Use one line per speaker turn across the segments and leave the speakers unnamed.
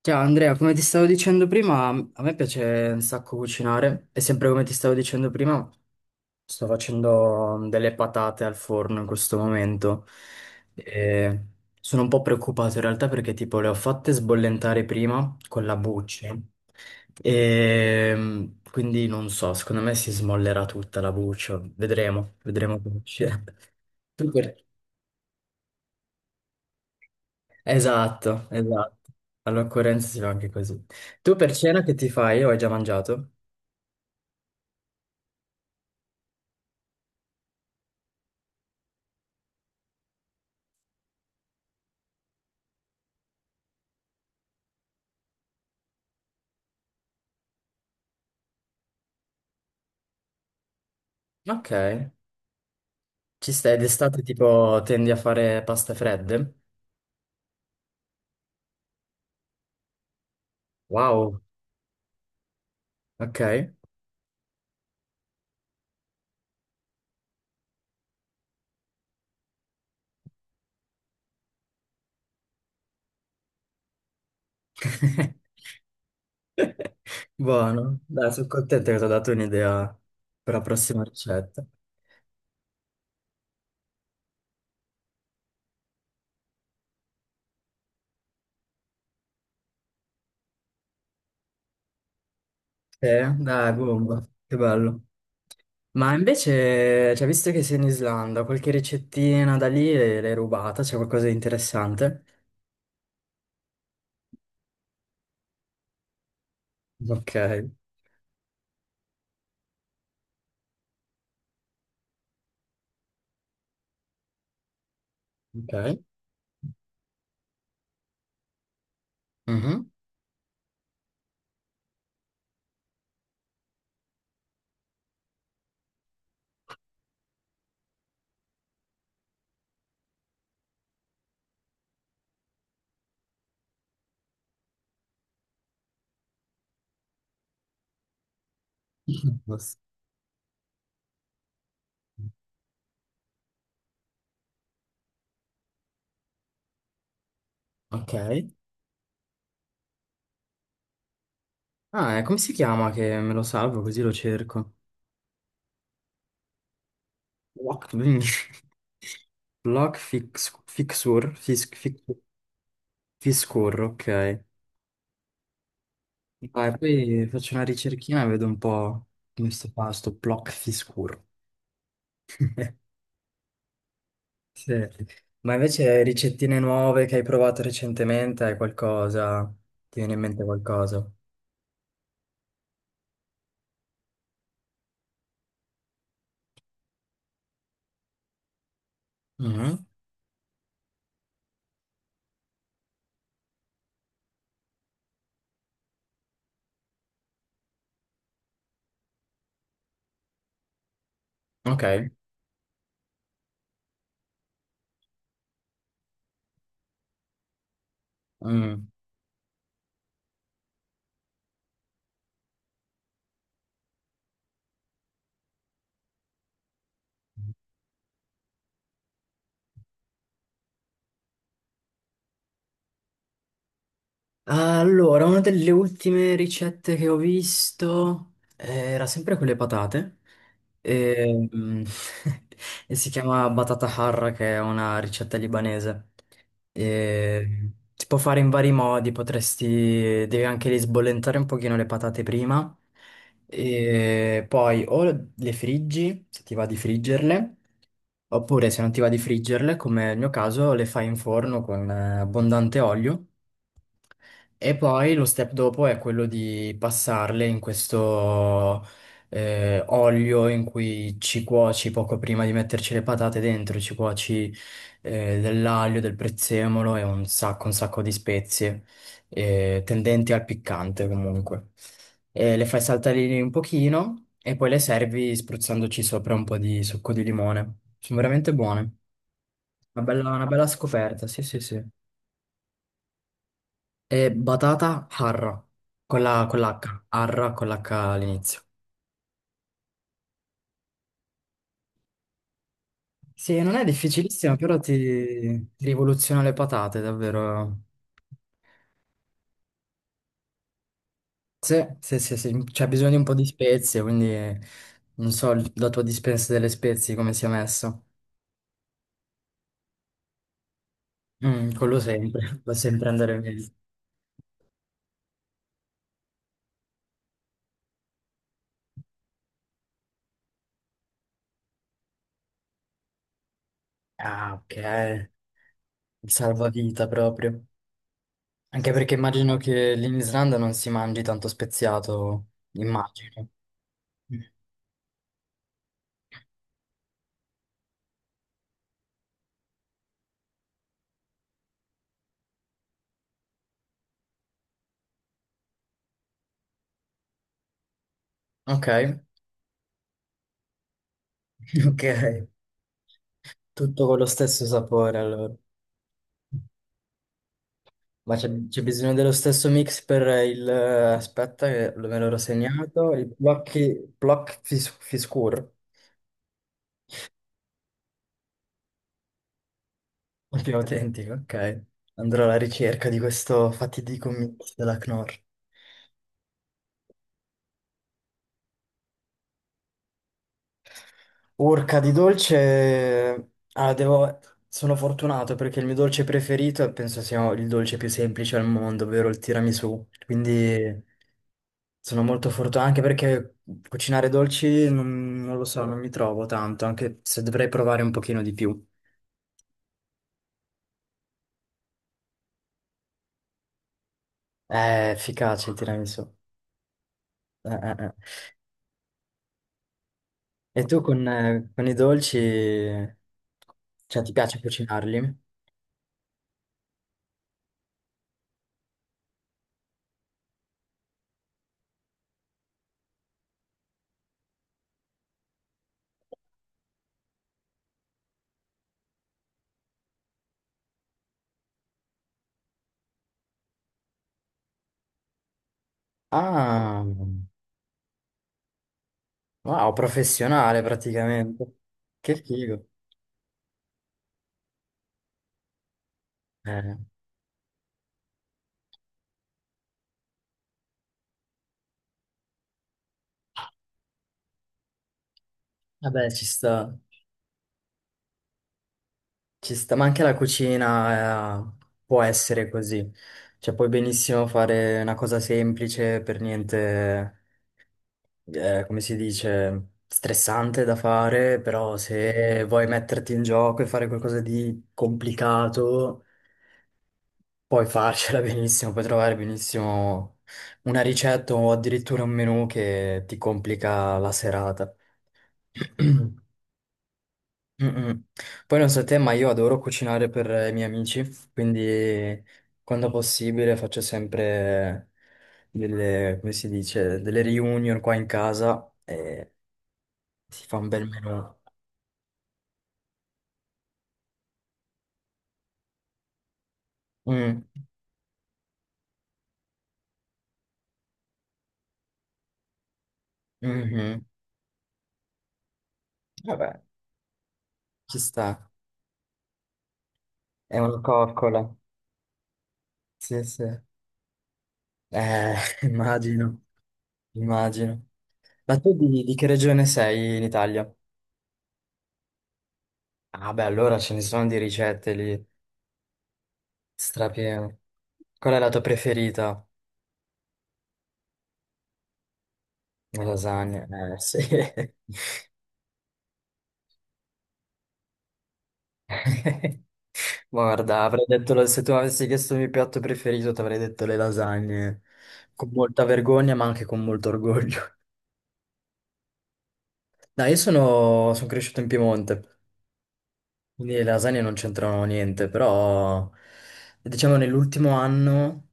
Ciao Andrea, come ti stavo dicendo prima, a me piace un sacco cucinare e sempre come ti stavo dicendo prima, sto facendo delle patate al forno in questo momento. E sono un po' preoccupato in realtà perché tipo le ho fatte sbollentare prima con la buccia e quindi non so, secondo me si smollerà tutta la buccia, vedremo, vedremo come uscirà. Tu per- Esatto, esatto. All'occorrenza si va anche così. Tu per cena che ti fai o hai già mangiato? Ok, ci stai d'estate tipo tendi a fare paste fredde? Wow, ok. Buono, dai, sono contento che ti ho dato un'idea per la prossima ricetta. Dai, bomba, che bello. Ma invece, cioè, visto che sei in Islanda, qualche ricettina da lì l'hai rubata? C'è qualcosa di interessante? Ok, ok. Mhm. Ok. Ah, e come si chiama che me lo salvo così lo cerco? لوك لوك fixure, ok. Dai, poi faccio una ricerchina e vedo un po' come sto block fixure. Sì. Ma invece ricettine nuove che hai provato recentemente, hai qualcosa? Ti viene in mente qualcosa? Mhm. Ok. Mm. Allora, una delle ultime ricette che ho visto era sempre con le patate e, e si chiama batata harra, che è una ricetta libanese. E si può fare in vari modi, potresti, devi anche lì sbollentare un pochino le patate prima e poi o le friggi, se ti va di friggerle, oppure se non ti va di friggerle, come nel mio caso, le fai in forno con abbondante olio. E poi lo step dopo è quello di passarle in questo olio in cui ci cuoci poco prima di metterci le patate dentro, ci cuoci dell'aglio, del prezzemolo e un sacco di spezie tendenti al piccante comunque. E le fai saltare lì un pochino e poi le servi spruzzandoci sopra un po' di succo di limone. Sono veramente buone. Una bella scoperta, sì, sì, sì. È batata harra, con l'H, harra con l'H all'inizio. Sì, non è difficilissima, però ti rivoluziona le patate, davvero. Sì, sì, sì, sì, c'è bisogno di un po' di spezie, quindi non so la tua dispensa delle spezie come sia messa. Mm, quello sempre, va sempre andare bene. Ah, ok, il salvavita proprio. Anche perché immagino che lì in Islanda non si mangi tanto speziato, immagino. Mm. Ok, ok. Tutto con lo stesso sapore, allora. Ma c'è bisogno dello stesso mix Aspetta, che me l'ero segnato. Il Fiskur, il più autentico, ok. Andrò alla ricerca di questo fatidico mix della Knorr. Urca di dolce... Ah, devo... Sono fortunato perché il mio dolce preferito penso sia il dolce più semplice al mondo, ovvero il tiramisù. Quindi... Sono molto fortunato anche perché cucinare dolci non lo so, non mi trovo tanto, anche se dovrei provare un pochino di più. È efficace il tiramisù. Eh. E tu con i dolci, cioè ti piace cucinarli? Ah, wow, professionale praticamente. Che figo. Eh, vabbè, ci sta, ma anche la cucina, può essere così. Cioè, puoi benissimo fare una cosa semplice, per niente come si dice, stressante da fare, però se vuoi metterti in gioco e fare qualcosa di complicato, puoi farcela benissimo, puoi trovare benissimo una ricetta o addirittura un menù che ti complica la serata. Mm-mm. Poi non so te, ma io adoro cucinare per i miei amici, quindi quando possibile faccio sempre delle, come si dice, delle reunion qua in casa e si fa un bel menù. Mm, mhm. Vabbè, ci sta. È una coccola. Sì, sì. Eh, immagino, immagino. Ma tu di che regione sei in Italia? Ah, beh, allora ce ne sono di ricette lì, strapieno. Qual è la tua preferita? Le lasagne. Sì. Guarda, avrei detto, se tu avessi chiesto il mio piatto preferito, ti avrei detto le lasagne. Con molta vergogna, ma anche con molto orgoglio. No, io sono, cresciuto in Piemonte. Quindi le lasagne non c'entrano niente, però diciamo nell'ultimo anno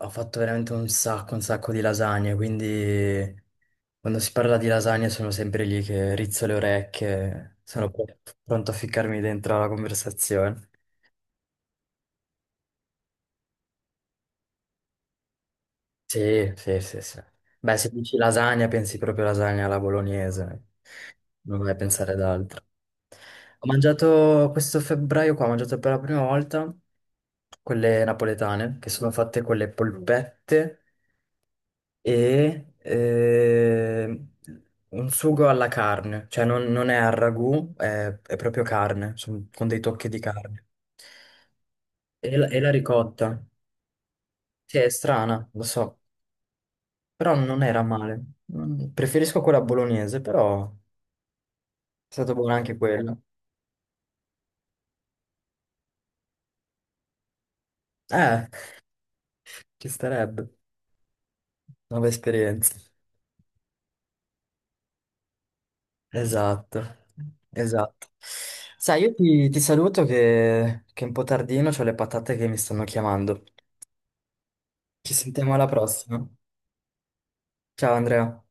ho fatto veramente un sacco di lasagne, quindi quando si parla di lasagne sono sempre lì che rizzo le orecchie, sono pronto a ficcarmi dentro la conversazione. Sì, sì, sì, sì. Beh, se dici lasagna pensi proprio lasagna alla bolognese. Non vai a pensare ad altro. Ho mangiato questo febbraio qua, ho mangiato per la prima volta quelle napoletane, che sono fatte con le polpette e un sugo alla carne, cioè non è al ragù, è proprio carne, con dei tocchi di carne. E la ricotta, sì, è strana, lo so, però non era male. Preferisco quella bolognese, però è stata buona anche quella. Eh, ci starebbe. Nuove esperienze. Esatto, esatto. Sai, io ti saluto che è un po' tardino, ho le patate che mi stanno chiamando. Ci sentiamo alla prossima. Ciao Andrea.